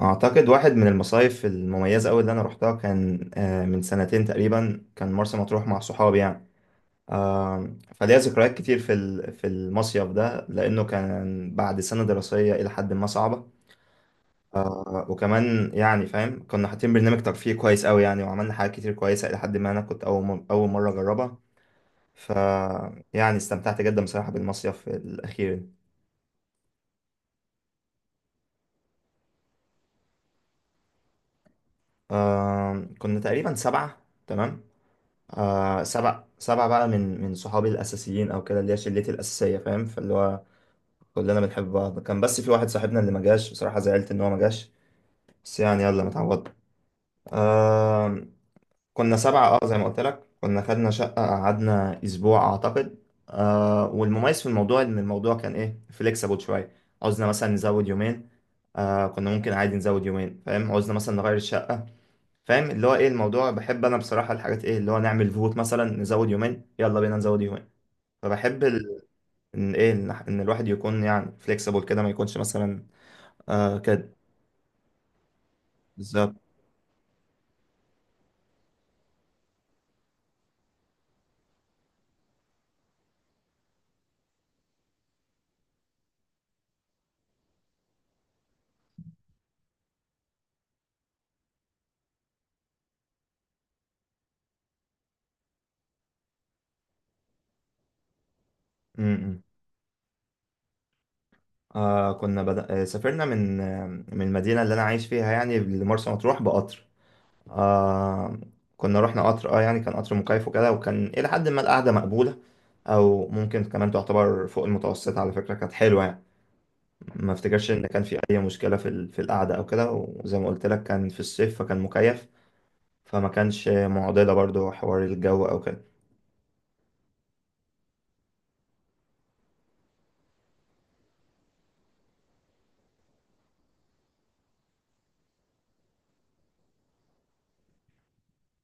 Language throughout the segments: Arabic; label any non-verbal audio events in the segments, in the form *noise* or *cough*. اعتقد واحد من المصايف المميزه قوي اللي انا روحتها كان من سنتين تقريبا كان مرسى مطروح مع صحابي يعني. فليا ذكريات كتير في المصيف ده لانه كان بعد سنه دراسيه الى حد ما صعبه. وكمان يعني فاهم كنا حاطين برنامج ترفيهي كويس قوي يعني، وعملنا حاجات كتير كويسه الى حد ما، انا كنت اول مره اجربها. ف يعني استمتعت جدا بصراحه بالمصيف الاخير. كنا تقريبا 7. تمام. سبع بقى من صحابي الاساسيين او كده، اللي هي شلتي الاساسيه، فاهم؟ فاللي هو كلنا بنحب بعض. كان بس في واحد صاحبنا اللي ما جاش، بصراحه زعلت ان هو ما جاش. بس يعني يلا، متعوض. آه كنا 7، زي ما قلت لك كنا خدنا شقه، قعدنا اسبوع اعتقد. والمميز في الموضوع ان الموضوع كان ايه، فليكسبل شويه. عاوزنا مثلا نزود يومين، كنا ممكن عادي نزود يومين، فاهم؟ عاوزنا مثلا نغير الشقه، فاهم؟ اللي هو ايه الموضوع. بحب انا بصراحه الحاجات، ايه اللي هو نعمل فوت، مثلا نزود يومين يلا بينا نزود يومين. فبحب ان ايه إن الواحد يكون يعني فليكسيبل كده، ما يكونش مثلا كده. بالظبط. م- م. آه كنا بدأ... آه سافرنا من المدينه اللي انا عايش فيها يعني، لمرسى مطروح بقطر. آه كنا رحنا قطر، يعني كان قطر مكيف وكده، وكان الى حد ما القعده مقبوله، او ممكن كمان تعتبر فوق المتوسط. على فكره كانت حلوه يعني. ما افتكرش ان كان في اي مشكله في القعده او كده، وزي ما قلت لك كان في الصيف فكان مكيف، فما كانش معضله برضو حوار الجو او كده.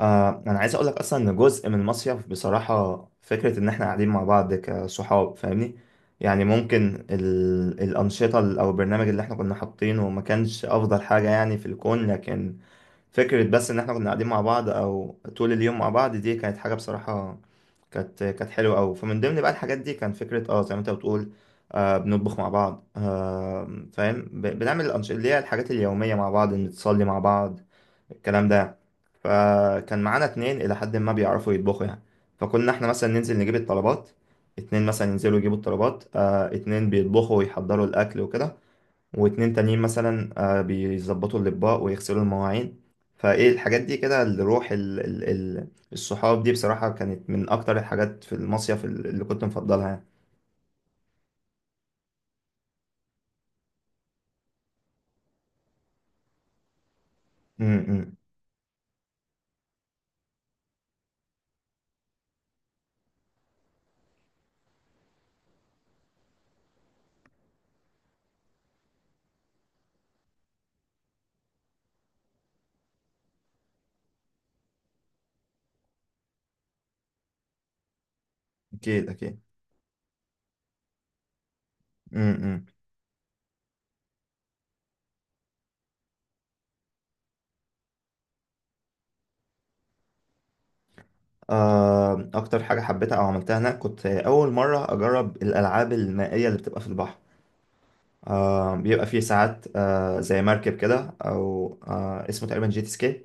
انا عايز اقول لك اصلا ان جزء من المصيف بصراحه فكره ان احنا قاعدين مع بعض كصحاب، فاهمني؟ يعني ممكن الانشطه او البرنامج اللي احنا كنا حاطينه ما كانش افضل حاجه يعني في الكون، لكن فكرة بس إن إحنا كنا قاعدين مع بعض، أو طول اليوم مع بعض، دي كانت حاجة بصراحة كانت حلوة أوي. فمن ضمن بقى الحاجات دي كان فكرة زي ما أنت بتقول بنطبخ مع بعض، فاهم، بنعمل الأنشطة اللي هي الحاجات اليومية مع بعض، نتصلي مع بعض، الكلام ده. فكان معانا اتنين إلى حد ما بيعرفوا يطبخوا يعني. فكنا إحنا مثلا ننزل نجيب الطلبات، اتنين مثلا ينزلوا يجيبوا الطلبات، اتنين بيطبخوا ويحضروا الأكل وكده، واتنين تانيين مثلا بيظبطوا الأطباق ويغسلوا المواعين. فايه الحاجات دي كده، الروح الصحاب دي بصراحة كانت من أكتر الحاجات في المصيف اللي كنت مفضلها يعني. إمم. أكيد أكيد. إمم. أكتر حاجة حبيتها أو عملتها هناك، كنت أول مرة أجرب الألعاب المائية اللي بتبقى في البحر. بيبقى فيه ساعات، زي مركب كده، أو اسمه تقريبا جيت سكي.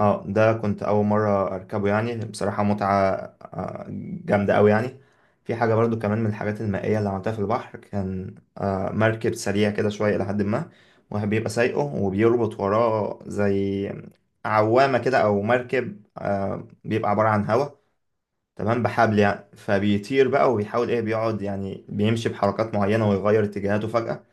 اه ده كنت اول مره اركبه يعني، بصراحه متعه آه، جامده قوي يعني. في حاجه برضو كمان من الحاجات المائيه اللي عملتها في البحر، كان مركب سريع كده شويه، لحد ما واحد بيبقى سايقه وبيربط وراه زي عوامه كده، او مركب بيبقى عباره عن هوا، تمام بحبل يعني. فبيطير بقى وبيحاول ايه بيقعد يعني بيمشي بحركات معينه ويغير اتجاهاته فجاه،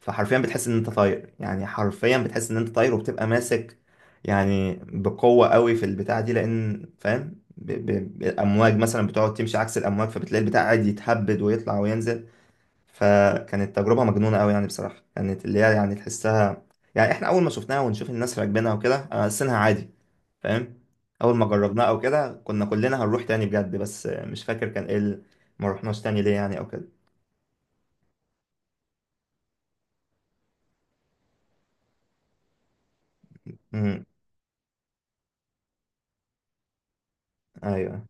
فحرفيا بتحس ان انت طاير، يعني حرفيا بتحس ان انت طاير، وبتبقى ماسك يعني بقوة قوي في البتاع دي، لان فاهم الامواج مثلا بتقعد تمشي عكس الامواج، فبتلاقي البتاع قاعد يتهبد ويطلع وينزل. فكانت تجربة مجنونة قوي يعني، بصراحة كانت اللي هي يعني تحسها. يعني احنا اول ما شفناها ونشوف الناس راكبينها وكده، انا حاسينها عادي، فاهم؟ اول ما جربناها او كده كنا كلنا هنروح تاني بجد، بس مش فاكر كان ايه ما رحناش تاني ليه يعني او كده. امم. ايوه.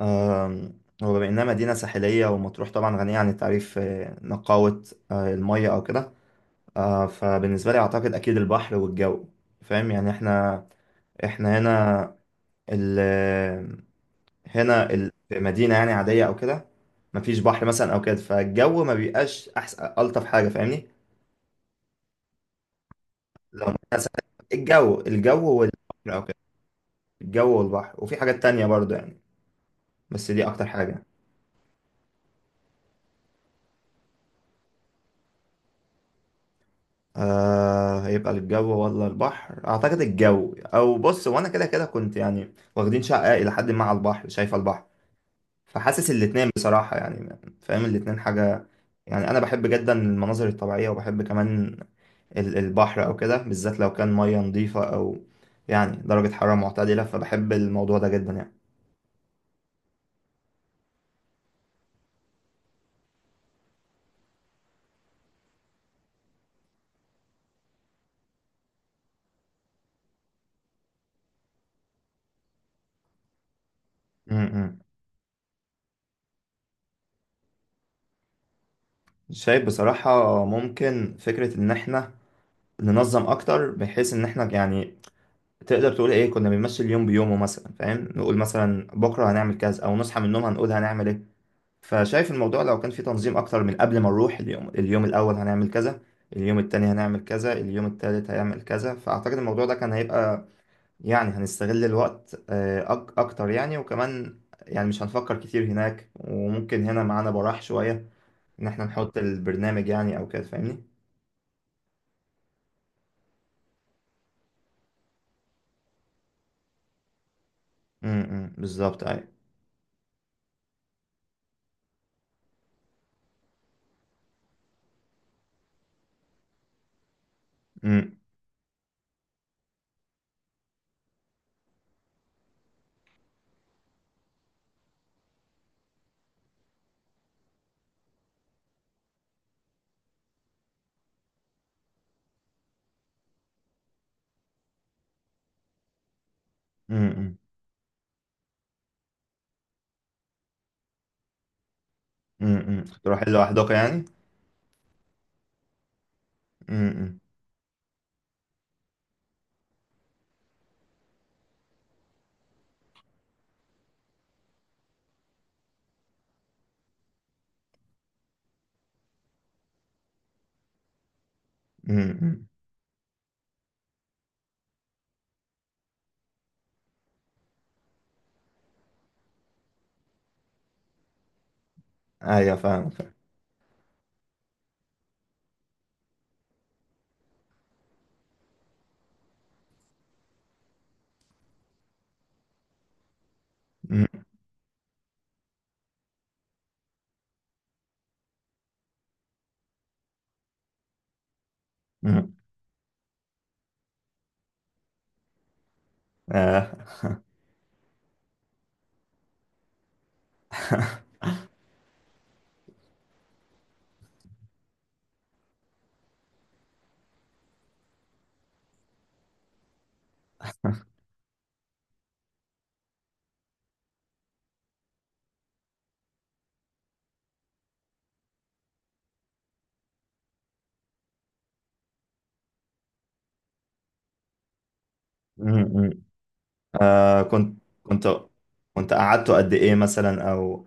وبما إنها مدينة ساحلية، ومطروح طبعا غنية عن التعريف، نقاوة المية أو كده، فبالنسبة لي أعتقد أكيد البحر والجو، فاهم؟ يعني إحنا هنا، ال في مدينة يعني عادية أو كده، مفيش بحر مثلا أو كده، فالجو ما بيبقاش أحسن ألطف حاجة، فاهمني؟ لو مدينة ساحلية الجو والبحر أو كده، الجو والبحر. وفي حاجات تانية برضو يعني، بس دي أكتر حاجة. هيبقى الجو ولا البحر، اعتقد الجو. او بص، وانا كده كده كنت يعني واخدين شقة الى حد ما على البحر، شايف البحر، فحاسس الاتنين بصراحة يعني، فاهم الاتنين حاجة. يعني انا بحب جدا المناظر الطبيعية، وبحب كمان البحر او كده، بالذات لو كان مية نظيفة، او يعني درجة حرارة معتدلة، فبحب الموضوع ده جدا يعني. م- م. شايف بصراحة ممكن فكرة ان احنا ننظم اكتر، بحيث ان احنا يعني تقدر تقول ايه كنا بنمثل يوم بيومه مثلا، فاهم؟ نقول مثلا بكره هنعمل كذا، او نصحى من النوم هنقول هنعمل ايه. فشايف الموضوع لو كان في تنظيم اكتر من قبل ما نروح، اليوم الاول هنعمل كذا، اليوم التاني هنعمل كذا، اليوم التالت هيعمل كذا. فاعتقد الموضوع ده كان هيبقى يعني هنستغل الوقت آه، أك اكتر يعني. وكمان يعني مش هنفكر كتير هناك، وممكن هنا معانا براح شويه ان احنا نحط البرنامج يعني او كده، فاهمني؟ امم، بالظبط، ايوه. امم. امم، اقتراح حلو احداقي يعني. امم. امم، ايوه، فاهم فاهم. أمم، أمم. آه. *laughs* أمم، أمم. آه. كنت كنت كنت قعدتوا قد ايه مثلا، او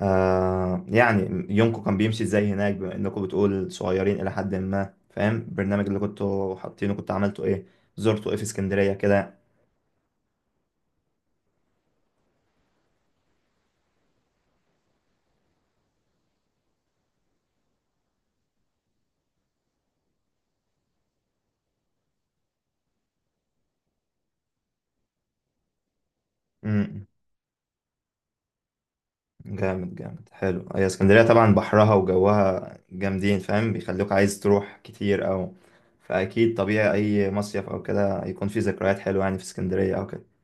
آه، يعني يومكم كان بيمشي ازاي هناك؟ بما انكم بتقول صغيرين الى حد ما، فاهم؟ البرنامج اللي كنتوا حاطينه كنت عملتوا ايه؟ زرتوا ايه في اسكندرية؟ كده. جامد جامد، حلو. هي اسكندرية طبعا بحرها وجوها جامدين، فاهم بيخلوك عايز تروح كتير أو، فأكيد طبيعي أي مصيف أو كده يكون في ذكريات حلوة يعني، في اسكندرية أو كده.